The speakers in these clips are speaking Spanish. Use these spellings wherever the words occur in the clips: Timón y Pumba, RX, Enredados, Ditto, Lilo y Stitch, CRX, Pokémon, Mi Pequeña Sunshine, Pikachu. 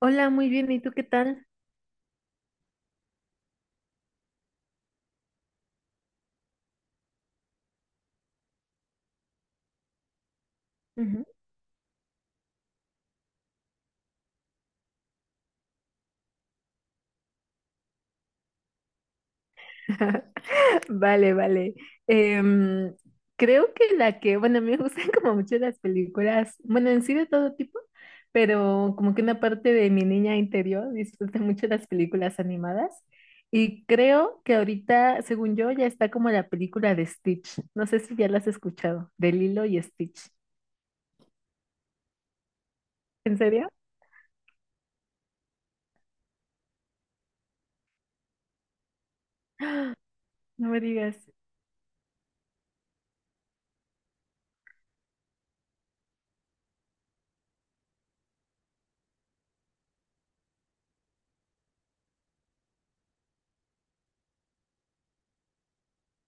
Hola, muy bien. ¿Y tú qué tal? Ujú. Vale, vale. Em, Creo que la que, bueno, a mí me gustan como mucho las películas, bueno, en sí de todo tipo, pero como que una parte de mi niña interior disfruta mucho las películas animadas. Y creo que ahorita, según yo, ya está como la película de Stitch. No sé si ya la has escuchado, de Lilo y Stitch. ¿En serio? ¡Ah! No me digas.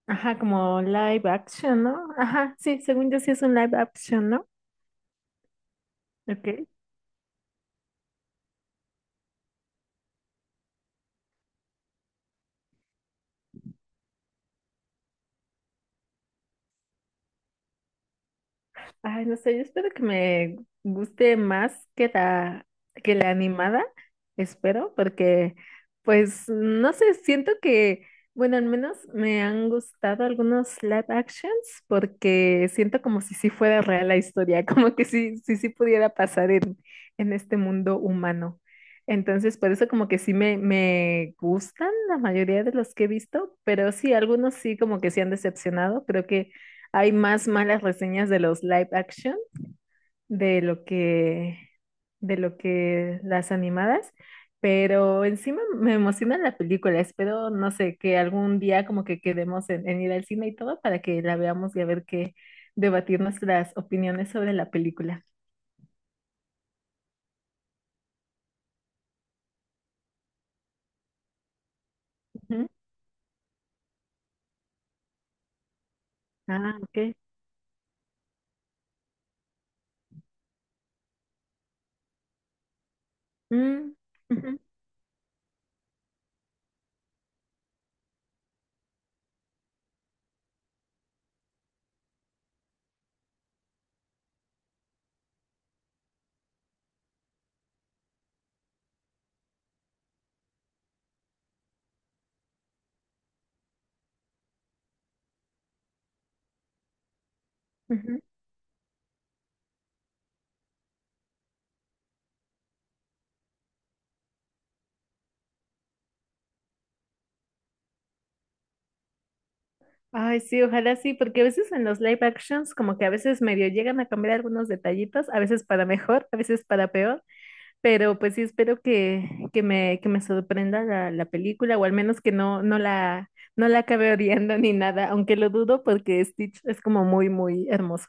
Ajá, como live action, ¿no? Ajá, sí, según yo sí es un live action, ¿no? Okay, ay, no sé, yo espero que me guste más que que la animada, espero, porque pues no sé, siento que, bueno, al menos me han gustado algunos live actions porque siento como si sí fuera real la historia, como que sí, sí, sí pudiera pasar en este mundo humano. Entonces, por eso como que sí me gustan la mayoría de los que he visto, pero sí, algunos sí como que sí han decepcionado, creo que hay más malas reseñas de los live action de lo que, de lo que las animadas. Pero encima me emociona la película. Espero, no sé, que algún día como que quedemos en ir al cine y todo para que la veamos y a ver qué debatir nuestras opiniones sobre la película. Ujú. Ah, ok. Mm, ujú, ujú. Ay, sí, ojalá sí, porque a veces en los live actions como que a veces medio llegan a cambiar algunos detallitos, a veces para mejor, a veces para peor. Pero pues sí espero que que me sorprenda la película, o al menos que no la acabe odiando ni nada, aunque lo dudo porque Stitch es como muy, muy hermoso.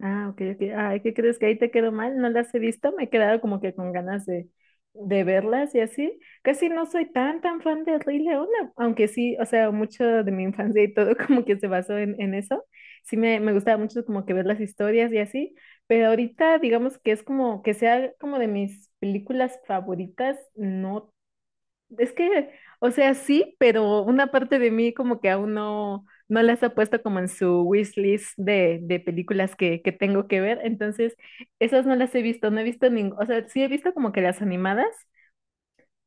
Ah, ok, ok. Ay, ¿qué crees que ahí te quedó mal? No las he visto, me he quedado como que con ganas de verlas y así. Casi no soy tan, tan fan de Rey León, aunque sí, o sea, mucho de mi infancia y todo como que se basó en eso. Sí, me gustaba mucho como que ver las historias y así, pero ahorita digamos que es como que sea como de mis películas favoritas, no es que, o sea, sí, pero una parte de mí como que aún no las ha puesto como en su wishlist de películas que tengo que ver. Entonces, esas no las he visto, no he visto ningún, o sea, sí he visto como que las animadas,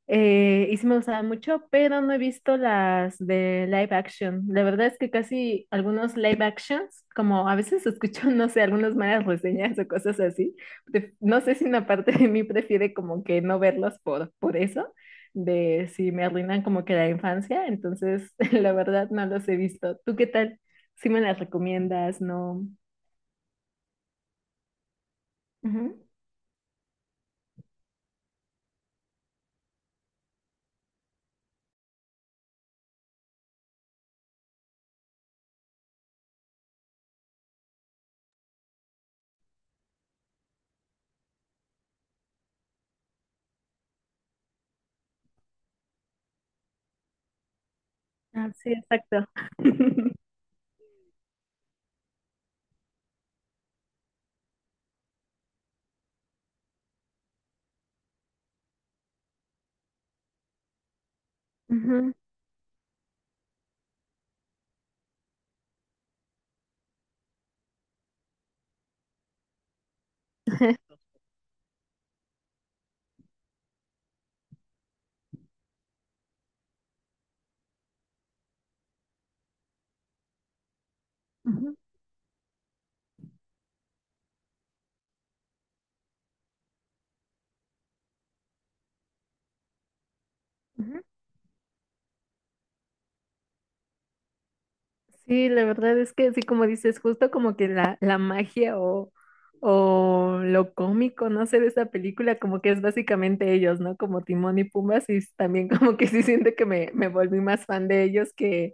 y sí me gustaba mucho, pero no he visto las de live action. La verdad es que casi algunos live actions, como a veces escucho, no sé, algunas malas reseñas o cosas así. No sé si una parte de mí prefiere como que no verlos por eso, de si me arruinan como que la infancia. Entonces, la verdad no los he visto. ¿Tú qué tal? ¿Si me las recomiendas? ¿No? Ujú. Ah, sí, exacto. Ujú, ujú, ujú. Ujú. Sí, la verdad es que sí, como dices, justo como que la magia o lo cómico, no sé, de esta película, como que es básicamente ellos, ¿no? Como Timón y Pumbas, también como que sí siento que me volví más fan de ellos que,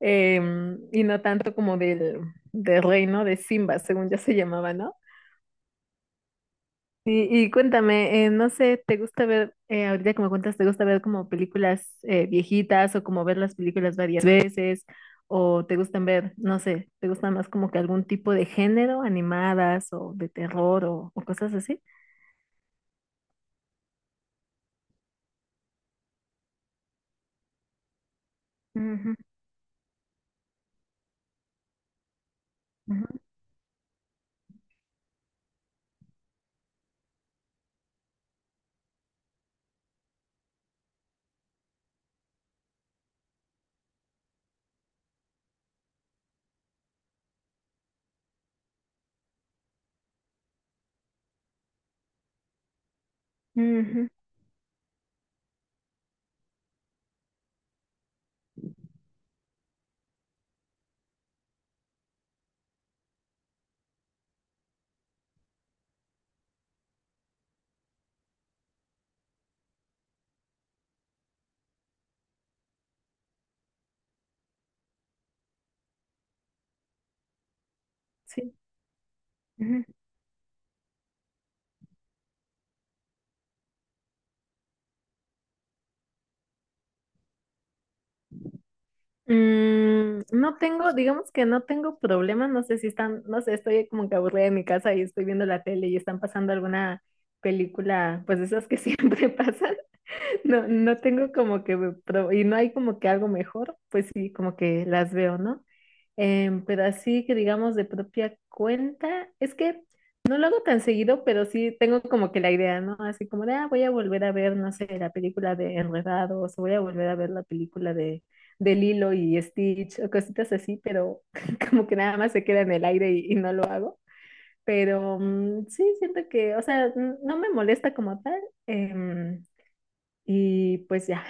em, y no tanto como del reino de Simba, según ya se llamaba, ¿no? Y cuéntame, no sé, ¿te gusta ver, ahorita como cuentas, ¿te gusta ver como películas viejitas o como ver las películas varias veces? ¿O te gustan ver, no sé, ¿te gusta más como que algún tipo de género, animadas o de terror o cosas así? Ujú, ujú, ujú, sí. Ujú. Mm, no tengo, digamos que no tengo problema, no sé si están, no sé, estoy como que aburrida en mi casa y estoy viendo la tele y están pasando alguna película, pues de esas que siempre pasan. No, no tengo como que, y no hay como que algo mejor, pues sí, como que las veo, ¿no? Em, pero así que digamos de propia cuenta, es que no lo hago tan seguido, pero sí tengo como que la idea, ¿no? Así como de, ah, voy a volver a ver, no sé, la película de Enredados, o voy a volver a ver la película de Lilo y Stitch o cositas así, pero como que nada más se queda en el aire y no lo hago. Pero mm, sí, siento que, o sea, no me molesta como tal. Em, y pues ya,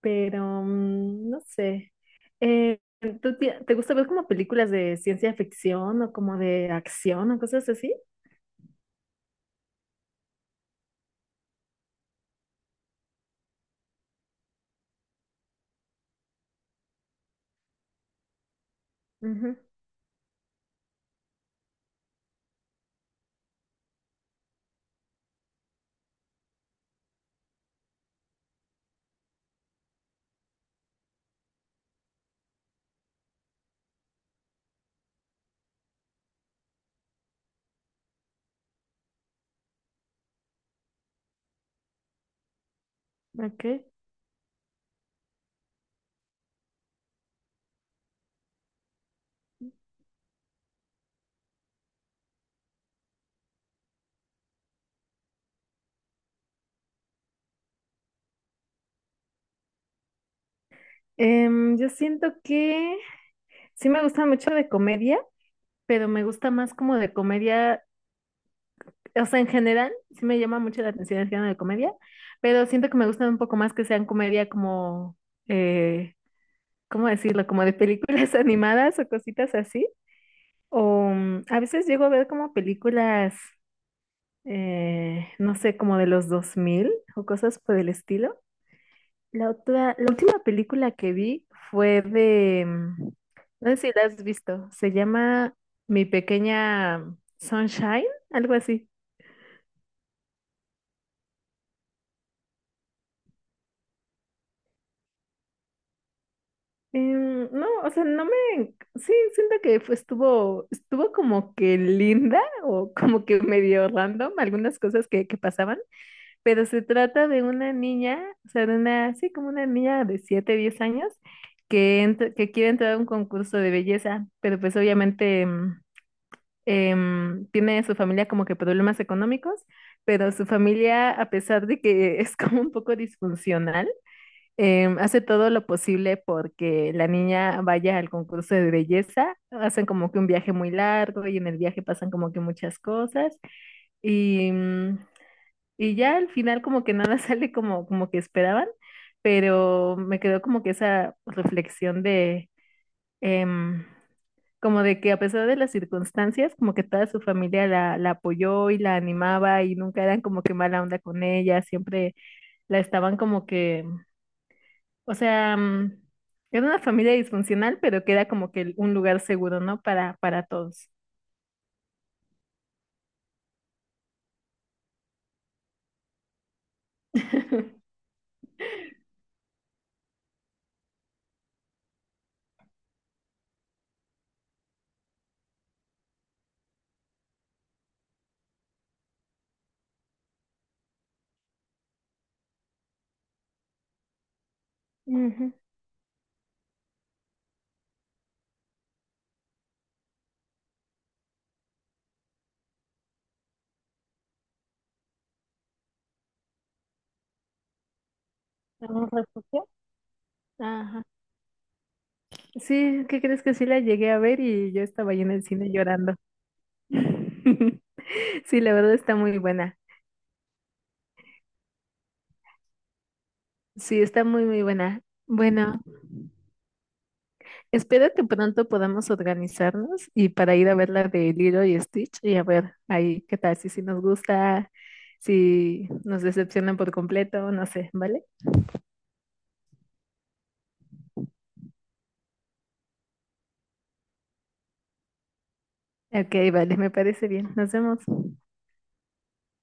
pero mm, no sé. Eh, te gusta ver como películas de ciencia ficción o como de acción o cosas así? Ujú, ok. Em, yo siento que sí me gusta mucho de comedia, pero me gusta más como de comedia o sea, en general, sí me llama mucho la atención el género de comedia, pero siento que me gustan un poco más que sean comedia como, eh, ¿cómo decirlo? Como de películas animadas o cositas así. O mm, a veces llego a ver como películas, no sé, como de los 2000 o cosas por el estilo. La última película que vi fue de, mm, no sé si la has visto, se llama Mi Pequeña Sunshine, algo así. Em, no, o sea, no me, sí, siento que estuvo como que linda o como que medio random algunas cosas que pasaban, pero se trata de una niña, o sea, de una, sí, como una niña de 7, 10 años que, que quiere entrar a un concurso de belleza, pero pues obviamente em, em, tiene su familia como que problemas económicos, pero su familia, a pesar de que es como un poco disfuncional, em, hace todo lo posible porque la niña vaya al concurso de belleza, hacen como que un viaje muy largo y en el viaje pasan como que muchas cosas y, mm, y ya al final como que nada sale como, como que esperaban, pero me quedó como que esa reflexión de em, como de que a pesar de las circunstancias, como que toda su familia la apoyó y la animaba y nunca eran como que mala onda con ella, siempre la estaban como que o sea, mm, era una familia disfuncional, pero que era como que un lugar seguro, ¿no? Para todos. Ujú. ¿Un refugio? Ajá. Sí, ¿qué crees que sí la llegué a ver y yo estaba ahí en el cine llorando? Sí, la verdad está muy buena. Sí, está muy, muy buena. Bueno, espero que pronto podamos organizarnos y para ir a ver la de Lilo y Stitch y a ver ahí qué tal, si, si nos gusta, si nos decepcionan por completo, no sé, ¿vale? Ok, vale, me parece bien. Nos vemos.